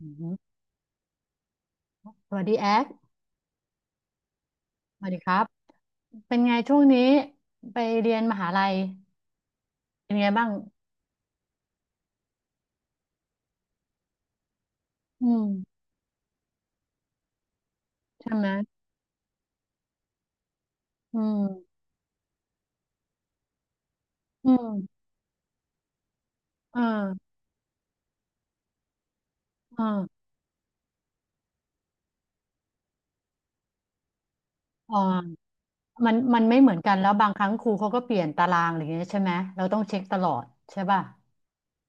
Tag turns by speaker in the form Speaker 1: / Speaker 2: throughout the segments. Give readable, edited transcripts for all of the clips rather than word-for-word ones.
Speaker 1: อืมสวัสดีแอ๊กสวัสดีครับเป็นไงช่วงนี้ไปเรียนมหาลัยเป็นไงบ้างอืมใช่ไหมอืมอืมเออเอออ๋อมันไม่เหมือนกันแล้วบางครั้งครูเขาก็เปลี่ยนตารางอะไรอย่างเงี้ยใช่ไหมเราต้องเช็คตลอดใช่ป่ะ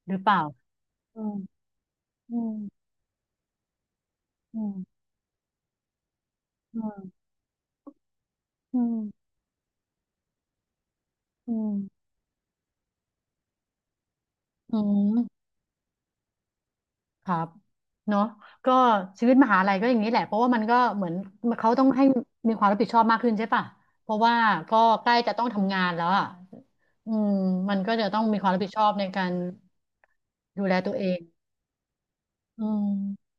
Speaker 1: หรือเปล่าอืมอืมอืมอืมอืมอืมอืม ครับเนาะก็ชีวิตมหาลัยก็อย่างนี้แหละเพราะว่ามันก็เหมือนเขาต้องให้มีความรับผิดชอบมากขึ้นใช่ปะเพราะว่าก็ใกล้จะต้องทำงานแล้วอ่ะอืมมันก็จะต้องมีความรับผิดชอบในการดูแลตัวเองอืม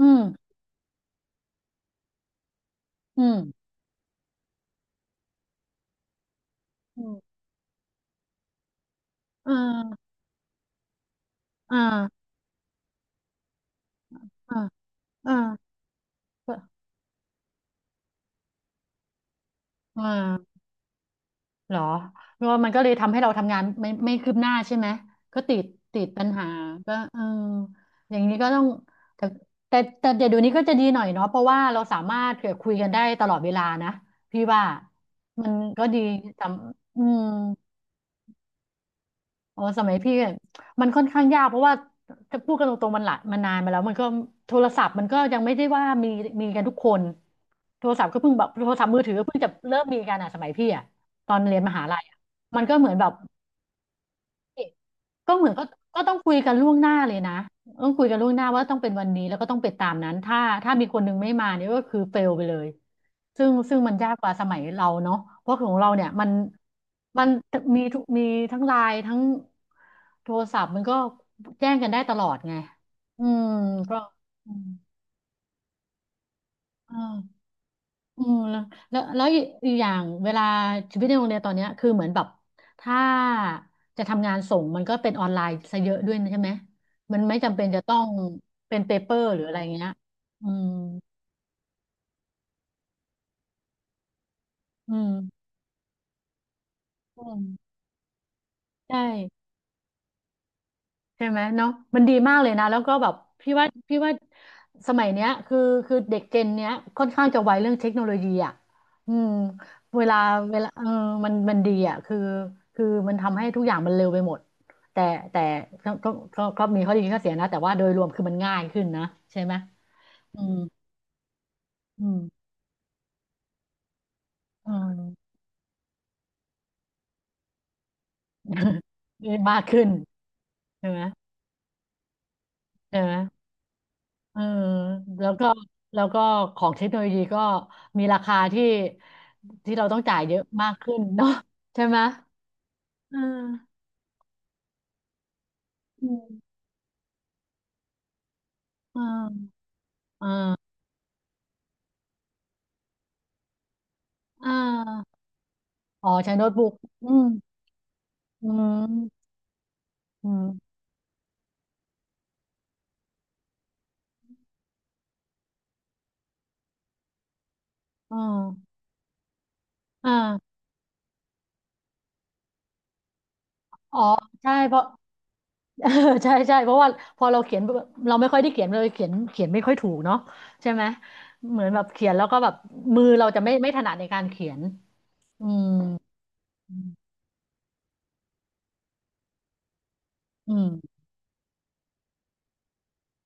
Speaker 1: อืมอืมอืมอ่าอ่าอ่าอ่าอ่า เหรอแล้วมันก็เลยทำให้เราทำงานไม่คืบหน้าใช่ไหม ก็ติดติดปัญหาก็เอออย่างนี้ก็ต้องแต่แต่แต่เดี๋ยวเดี๋ยวนี้ก็จะดีหน่อยเนาะเพราะว่าเราสามารถเผื่อคุยกันได้ตลอดเวลานะพี่ว่ามันก็ดีสำอืมอ๋อสมัยพี่อะมันค่อนข้างยากเพราะว่าจะพูดกันตรงๆมันหละมันนานมาแล้วมันก็โทรศัพท์มันก็ยังไม่ได้ว่ามีมีกันทุกคนโทรศัพท์ก็เพิ่งแบบโทรศัพท์มือถือก็เพิ่งจะเริ่มมีกันอ่ะสมัยพี่อ่ะตอนเรียนมหาลัยอะมันก็เหมือนแบบ ก็เหมือนก็ก็ต้องคุยกันล่วงหน้าเลยนะต้องคุยกันล่วงหน้าว่าต้องเป็นวันนี้แล้วก็ต้องไปตามนั้นถ้าถ้ามีคนหนึงไม่มาเนี่ยก็คือเฟลไปเลยซึ่งมันยากกว่าสมัยเราเนาะเพราะของเราเนี่ยมันมันมีทุกมีทั้งไลน์ทั้งโทรศัพท์มันก็แจ้งกันได้ตลอดไงอืมก็อืมอ่า อืมแล้วแล้วอีกอย่างเวลาชีวิตในโรงเรียนตอนเนี้ยคือเหมือนแบบถ้าจะทำงานส่งมันก็เป็นออนไลน์ซะเยอะด้วยนะใช่ไหมมันไม่จำเป็นจะต้องเป็นเปเปอร์หรืออะไรเงี้ยอืมอืมอืมใช่ ใช่ไหมเนาะมันดีมากเลยนะแล้วก็แบบพี่ว่าสมัยเนี้ยคือคือเด็กเจนเนี้ยค่อนข้างจะไวเรื่องเทคโนโลยีอ่ะอืมเวลาเวลาเออมันมันดีอ่ะคือคือมันทำให้ทุกอย่างมันเร็วไปหมดแต่แต่ก็ก็มีข้อดีข้อเสียนะแต่ว่าโดยรวมคือมันง่ายขึ้นนะใช่ไหมอืมอืมอืม มากขึ้นใช่ไหมใช่ไหม เออแล้วก็แล้วก็ของเทคโนโลยีก็มีราคาที่ที่เราต้องจ่ายเยอะมากขึ้นเนาะ ใช่ไหมเอออืมเออเอออ่าอ๋อใช้โน้ตบุ๊กอืมอืมอืมอ๋ออ่าอ๋อใช่เพราะ ใช่ใช่เพราะว่าพอเราเขียนเราไม่ค่อยได้เขียนเลยเขียนเขียนไม่ค่อยถูกเนาะใช่ไหมเหมือนแบบเขียนแล้วก็แบบมือเราจะไม่ถนัดในการเขียนอืมอืม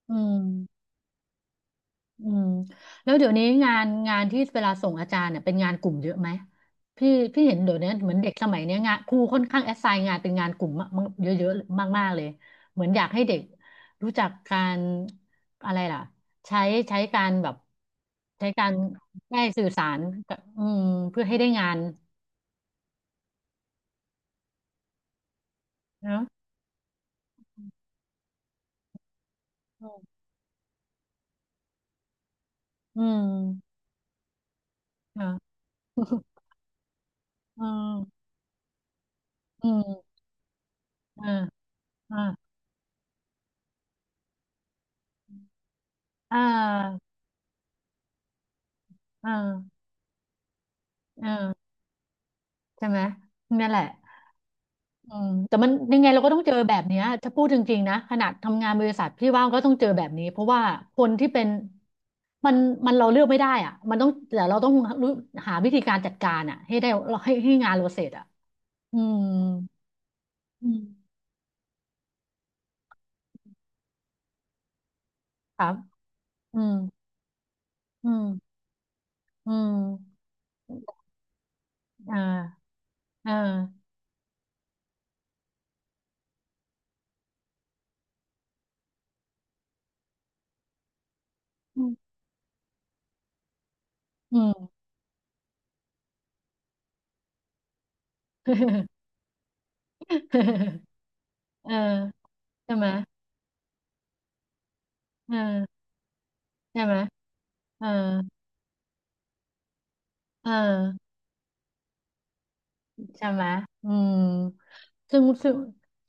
Speaker 1: อืม อืมแล้วเดี๋ยวนี้งานที่เวลาส่งอาจารย์เนี่ยเป็นงานกลุ่มเยอะไหมพี่พี่เห็นเดี๋ยวนี้เหมือนเด็กสมัยเนี้ยงานครูค่อนข้างแอสไซน์งานเป็นงานกลุ่มมากๆเยอะๆมากๆเลยเหมือนอยากให้เด็กรู้จักการอะไรล่ะใช้ใช้การแบบใช้การได้สื่อสารกับอืมเพื่อให้ได้งานเนอะอืมอ่า อืมอืมอ่าอ่าอ่าอ่าเออใช่ไหมนั่นแหละ อืมแต่มันยังไงเราก็ต้องเจอแบบเนี้ยถ้าพูดจริงๆนะขนาดทำงานบริษัทพี่ว่าก็ต้องเจอแบบนี้เพราะว่าคนที่เป็นมันมันเราเลือกไม่ได้อ่ะมันต้องแต่เราต้องรู้หาวิธีการจัดการอ่ะให้ได้เราให้งานเราเสร็จอ่ะอืมอืมครับอืมอืมอืมอ่าอ่าอืมอืม เออใช่ไหมเออใช่ไหมเออเออ ใช่ไหมอืมซึ่งซึ่ง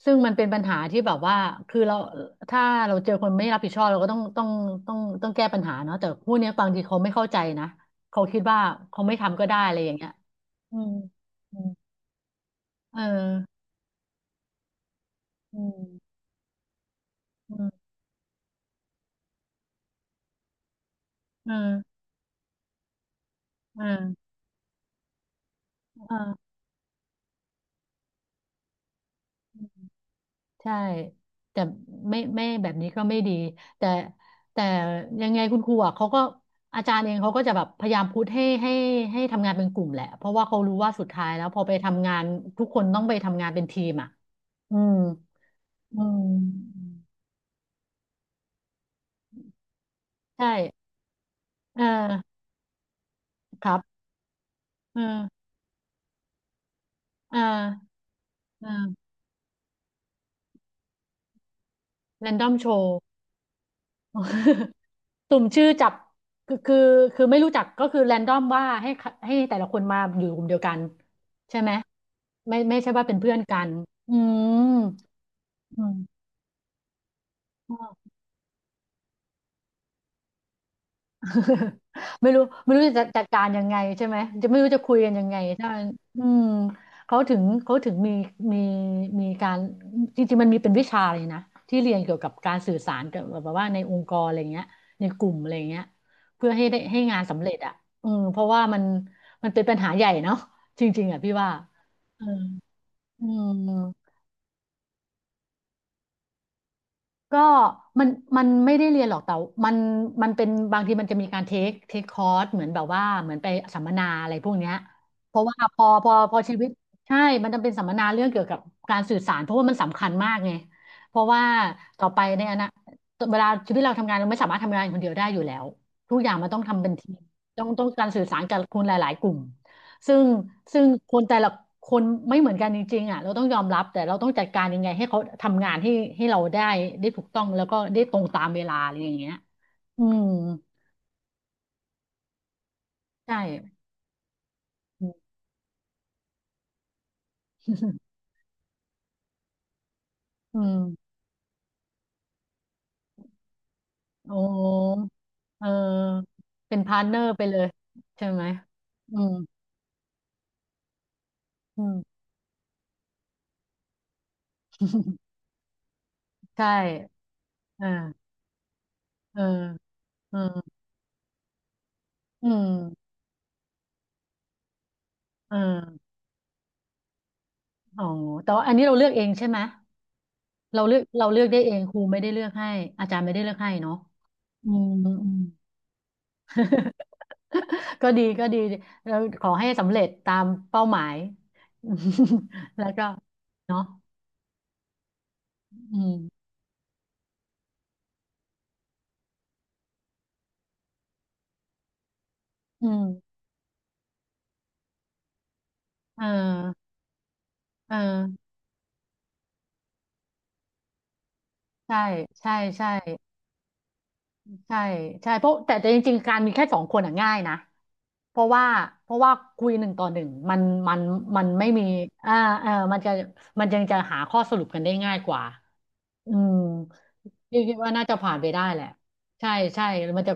Speaker 1: ซึ่งมันเป็นปัญหาที่แบบว่าคือเราถ้าเราเจอคนไม่รับผิดชอบเราก็ต้องแก้ปัญหาเนาะแต่ผู้เนี้ยบางทีเขาไม่เข้าใจนะ เขาคิดว่าเขาไม่ทำก็ได้อะไรอย่างเงี้ยอืมอืมเอออืมอืมเออเออเออ ใช่แต่ไม่แบบนี้ก็ไม่ดีแต่แต่ยังไงคุณครูอ่ะเขาก็อาจารย์เองเขาก็จะแบบพยายามพุชให้ให้ทำงานเป็นกลุ่มแหละเพราะว่าเขารู้ว่าสุดท้ายแล้วพอไปทำงานทุกคนต้องไปทำงานเป็นทีมอ่ะอืมอืมใช่เออครับเออเออเออแรนดอมโชว์ สุ่มชื่อจับคือคือไม่รู้จักก็คือแรนดอมว่าให้แต่ละคนมาอยู่กลุ่มเดียวกันใช่ไหมไม่ไม่ใช่ว่าเป็นเพื่อนกันอืมอืมอ๋อ ไม่รู้จะจัดการยังไงใช่ไหมจะไม่รู้จะคุยกันยังไงถ้ามันอืมเขาถึงมีมีการจริงๆมันมีเป็นวิชาเลยนะที่เรียนเกี่ยวกับการสื่อสารกับแบบว่าในองค์กรอะไรเงี้ยในกลุ่มอะไรเงี้ยเพื่อให้ได้ให้งานสำเร็จอ่ะอืมเพราะว่ามันเป็นปัญหาใหญ่เนาะจริงๆอ่ะพี่ว่าเอออืม ก็มันมันไม่ได้เรียนหรอกแต่มันมันเป็นบางทีมันจะมีการเทคคอร์สเหมือนแบบว่าเหมือนไปสัมมนาอะไรพวกเนี้ยเพราะว่าพอชีวิตใช่มันจะเป็นสัมมนาเรื่องเกี่ยวกับการสื่อสารเพราะว่ามันสำคัญมากไงเพราะว่าต่อไปในอนาคตเวลาชีวิตเราทำงานเราไม่สามารถทำงานคนเดียวได้อยู่แล้วทุกอย่างมันต้องทำเป็นทีมต้องการสื่อสารกับคนหลายๆกลุ่ม ซึ่งซึ่งคนแต่ละคนไม่เหมือนกันจริงๆอ่ะเราต้องยอมรับแต่เราต้องจัดการยังไงให้เขาทำงานให้ให้เราได้ได้ถูกต้องแล้วก็ได้ตรงตามเวลาอะไรอย่างเงี้ยอืมใช่อืมอืมโอ้เออเป็นพาร์ทเนอร์ไปเลยใช่ไหมอืมอืม ใช่อ่าเออเอออืมเอออ๋อแต่ว่าอันนี้เราเลือกเองใช่ไหมเราเลือกได้เองครูไม่ได้เลือกให้อาจารย์ไม่ได้เลือกให้เนาะ อืมอืม ก็ดีก็ดีแล้วขอให้สำเร็จตามเป้าหมาย แล้วก็เนาะอืมอืมเออเออใช่ใช่ใช่ใช่ใช่เพราะแต่แต่จริงๆการมีแค่สองคนอ่ะง่ายนะเพราะว่าเพราะว่าคุยหนึ่งต่อหนึ่งมันมันมันไม่มีอ่าเออมันจะมันยังจะหาข้อสรุปกันได้ง่ายกว่าอืมพี่คิดว่าน่าจะผ่านไปได้แหละใช่ใช่มันจะ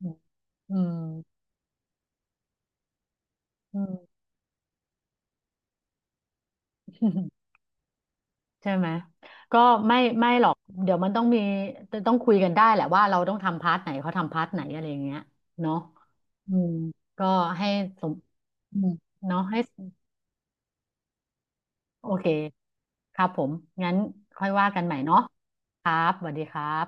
Speaker 1: อืมอืมอืม ใช่ไหมก็ไม่ไม่หรอกเดี๋ยวมันต้องมีต้องคุยกันได้แหละว่าเราต้องทำพาร์ทไหนเขาทำพาร์ทไหนอะไรอย่างเงี้ยเนาะอืมก็ให้สมอืมเนาะให้โอเคครับผมงั้นค่อยว่ากันใหม่เนาะครับสวัสดีครับ